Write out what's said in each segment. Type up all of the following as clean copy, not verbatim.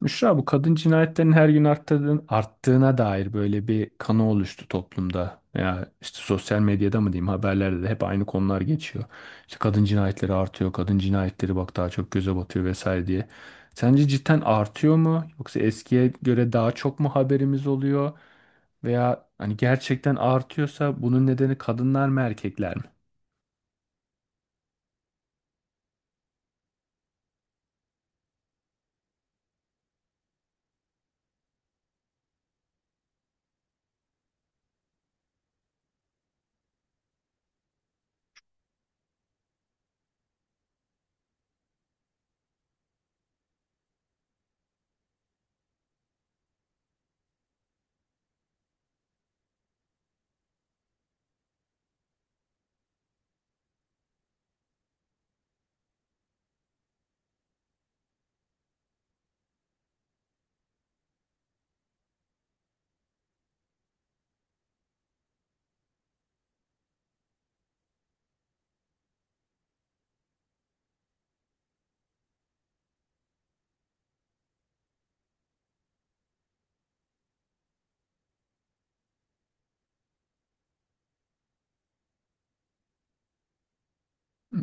Müşra, bu kadın cinayetlerinin her gün arttığına dair böyle bir kanı oluştu toplumda. Ya işte sosyal medyada mı diyeyim, haberlerde de hep aynı konular geçiyor. İşte kadın cinayetleri artıyor, kadın cinayetleri bak daha çok göze batıyor vesaire diye. Sence cidden artıyor mu? Yoksa eskiye göre daha çok mu haberimiz oluyor? Veya hani gerçekten artıyorsa bunun nedeni kadınlar mı, erkekler mi?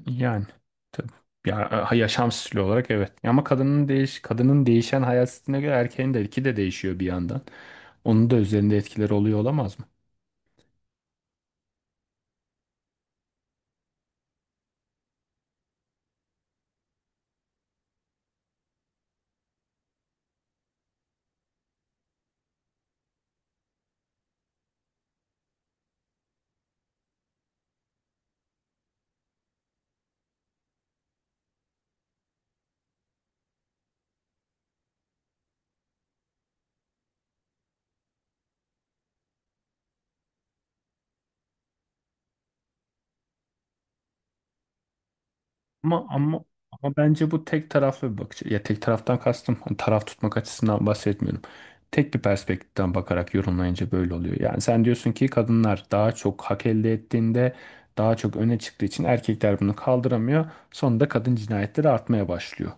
Yani tabii. Ya, yaşam stili olarak evet. Ama kadının değişen hayat stiline göre erkeğin de iki de değişiyor bir yandan. Onun da üzerinde etkileri oluyor olamaz mı? Ama ama ama bence bu tek taraflı bir bakış. Ya tek taraftan kastım hani taraf tutmak açısından bahsetmiyorum. Tek bir perspektiften bakarak yorumlayınca böyle oluyor. Yani sen diyorsun ki kadınlar daha çok hak elde ettiğinde, daha çok öne çıktığı için erkekler bunu kaldıramıyor. Sonunda kadın cinayetleri artmaya başlıyor.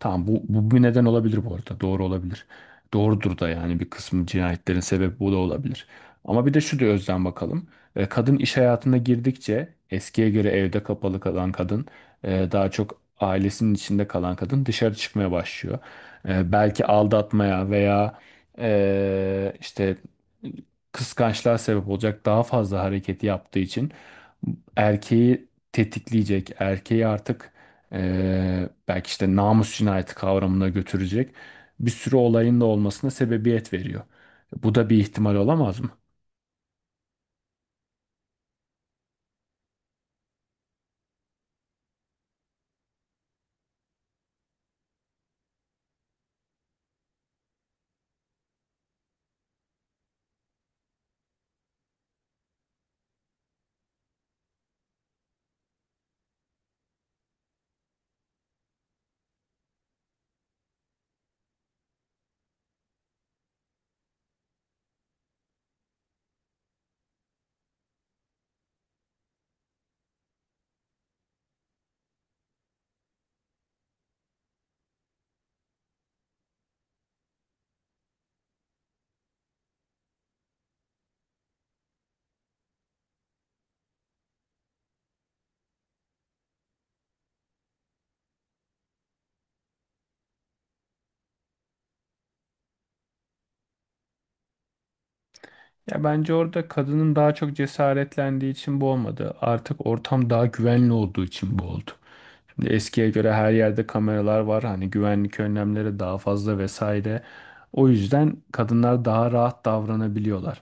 Tamam, bu bir neden olabilir bu arada. Doğru olabilir. Doğrudur da, yani bir kısmı cinayetlerin sebebi bu da olabilir. Ama bir de şu da özden bakalım. Kadın iş hayatına girdikçe, eskiye göre evde kapalı kalan kadın, daha çok ailesinin içinde kalan kadın dışarı çıkmaya başlıyor. Belki aldatmaya veya ee, işte kıskançlığa sebep olacak daha fazla hareketi yaptığı için erkeği tetikleyecek, erkeği artık belki işte namus cinayeti kavramına götürecek bir sürü olayın da olmasına sebebiyet veriyor. Bu da bir ihtimal olamaz mı? Ya bence orada kadının daha çok cesaretlendiği için bu olmadı. Artık ortam daha güvenli olduğu için bu oldu. Şimdi eskiye göre her yerde kameralar var. Hani güvenlik önlemleri daha fazla vesaire. O yüzden kadınlar daha rahat davranabiliyorlar.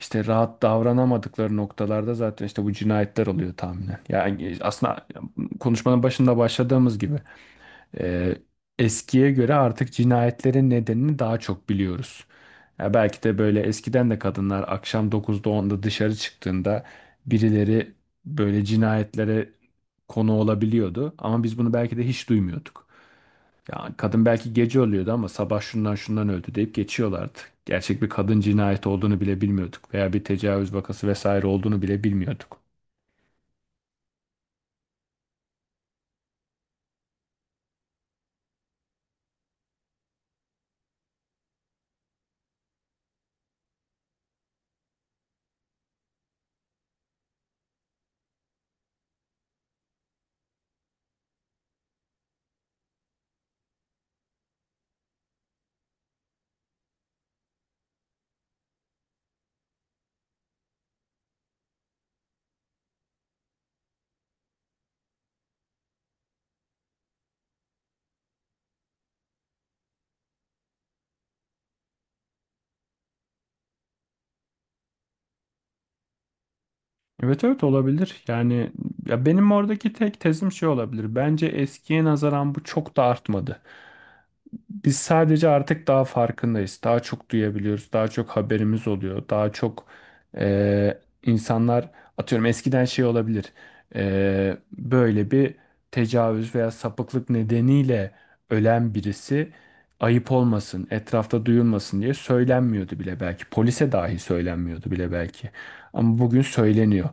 İşte rahat davranamadıkları noktalarda zaten işte bu cinayetler oluyor tahminen. Yani aslında konuşmanın başında başladığımız gibi. Ee, eskiye göre artık cinayetlerin nedenini daha çok biliyoruz. Ya belki de böyle eskiden de kadınlar akşam 9'da 10'da dışarı çıktığında, birileri böyle cinayetlere konu olabiliyordu. Ama biz bunu belki de hiç duymuyorduk. Ya kadın belki gece ölüyordu ama sabah şundan şundan öldü deyip geçiyorlardı. Gerçek bir kadın cinayeti olduğunu bile bilmiyorduk veya bir tecavüz vakası vesaire olduğunu bile bilmiyorduk. Evet, evet, olabilir. Yani ya benim oradaki tek tezim şey olabilir. Bence eskiye nazaran bu çok da artmadı. Biz sadece artık daha farkındayız. Daha çok duyabiliyoruz. Daha çok haberimiz oluyor. E, insanlar atıyorum eskiden şey olabilir. Böyle bir tecavüz veya sapıklık nedeniyle ölen birisi, ayıp olmasın, etrafta duyulmasın diye söylenmiyordu bile belki. Polise dahi söylenmiyordu bile belki. Ama bugün söyleniyor.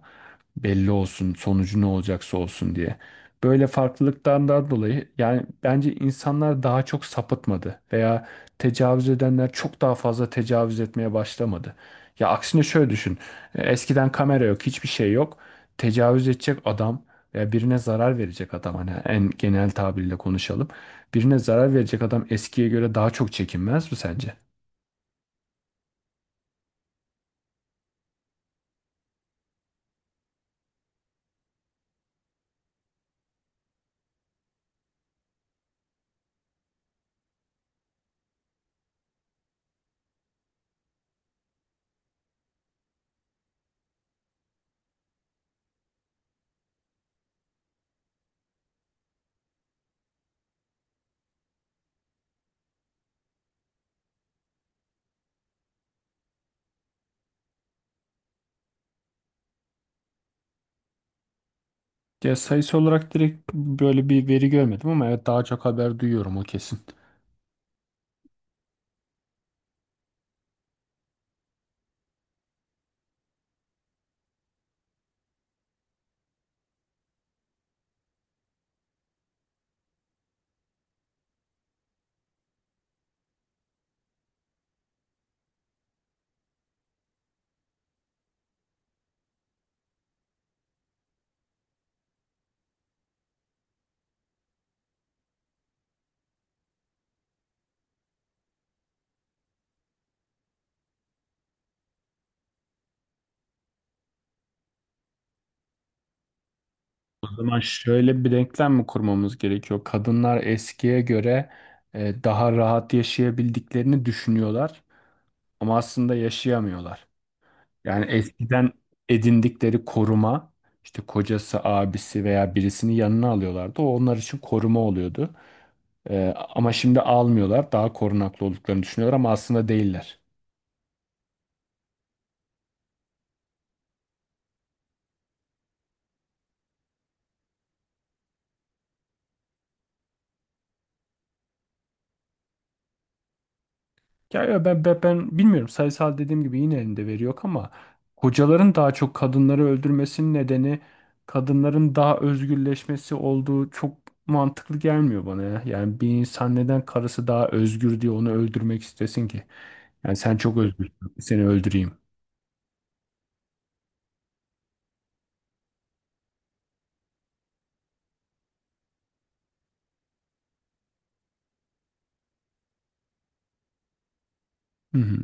Belli olsun, sonucu ne olacaksa olsun diye, böyle farklılıklardan dolayı yani bence insanlar daha çok sapıtmadı veya tecavüz edenler çok daha fazla tecavüz etmeye başlamadı. Ya aksine şöyle düşün. Eskiden kamera yok, hiçbir şey yok. Tecavüz edecek adam veya birine zarar verecek adam, hani en genel tabirle konuşalım. Birine zarar verecek adam eskiye göre daha çok çekinmez mi sence? Ya sayısı olarak direkt böyle bir veri görmedim ama evet daha çok haber duyuyorum, o kesin. O zaman şöyle bir denklem mi kurmamız gerekiyor? Kadınlar eskiye göre daha rahat yaşayabildiklerini düşünüyorlar ama aslında yaşayamıyorlar. Yani eskiden edindikleri koruma, işte kocası, abisi veya birisini yanına alıyorlardı. O onlar için koruma oluyordu. E, ama şimdi almıyorlar, daha korunaklı olduklarını düşünüyorlar ama aslında değiller. Ya, ben bilmiyorum, sayısal dediğim gibi yine elinde veri yok ama hocaların daha çok kadınları öldürmesinin nedeni kadınların daha özgürleşmesi olduğu çok mantıklı gelmiyor bana ya. Yani bir insan neden karısı daha özgür diye onu öldürmek istesin ki? Yani sen çok özgürsün, seni öldüreyim. Hı hı.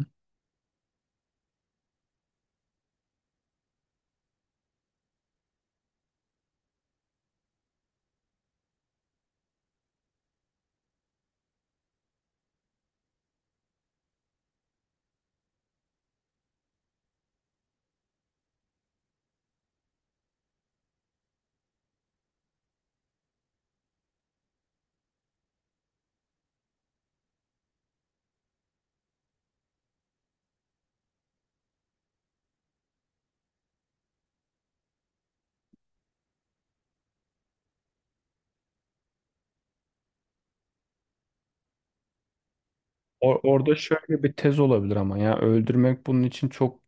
Orada şöyle bir tez olabilir ama ya öldürmek bunun için çok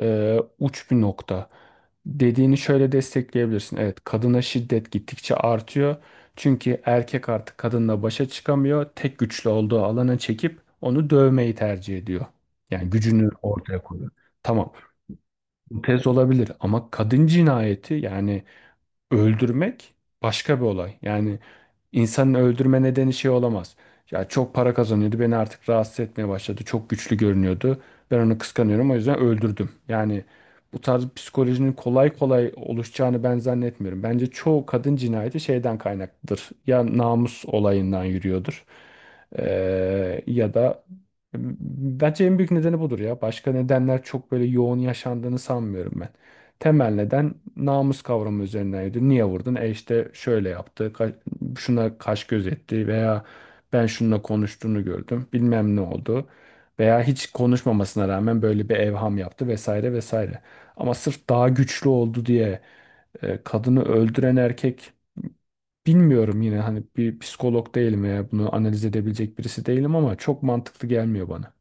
uç bir nokta. Dediğini şöyle destekleyebilirsin. Evet, kadına şiddet gittikçe artıyor. Çünkü erkek artık kadınla başa çıkamıyor. Tek güçlü olduğu alana çekip onu dövmeyi tercih ediyor. Yani gücünü ortaya koyuyor. Tamam. Bu tez olabilir ama kadın cinayeti, yani öldürmek, başka bir olay. Yani İnsanın öldürme nedeni şey olamaz. Ya çok para kazanıyordu, beni artık rahatsız etmeye başladı. Çok güçlü görünüyordu. Ben onu kıskanıyorum, o yüzden öldürdüm. Yani bu tarz psikolojinin kolay kolay oluşacağını ben zannetmiyorum. Bence çoğu kadın cinayeti şeyden kaynaklıdır. Ya namus olayından yürüyordur. Ya da bence en büyük nedeni budur ya. Başka nedenler çok böyle yoğun yaşandığını sanmıyorum ben. Temel neden namus kavramı üzerineydi. Niye vurdun? E işte şöyle yaptı, şuna kaş göz etti veya ben şununla konuştuğunu gördüm, bilmem ne oldu veya hiç konuşmamasına rağmen böyle bir evham yaptı vesaire vesaire. Ama sırf daha güçlü oldu diye kadını öldüren erkek. Bilmiyorum, yine hani bir psikolog değilim ya, bunu analiz edebilecek birisi değilim ama çok mantıklı gelmiyor bana.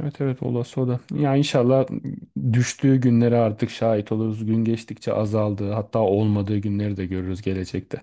Evet, evet, olası o da. Ya inşallah düştüğü günlere artık şahit oluruz. Gün geçtikçe azaldığı, hatta olmadığı günleri de görürüz gelecekte.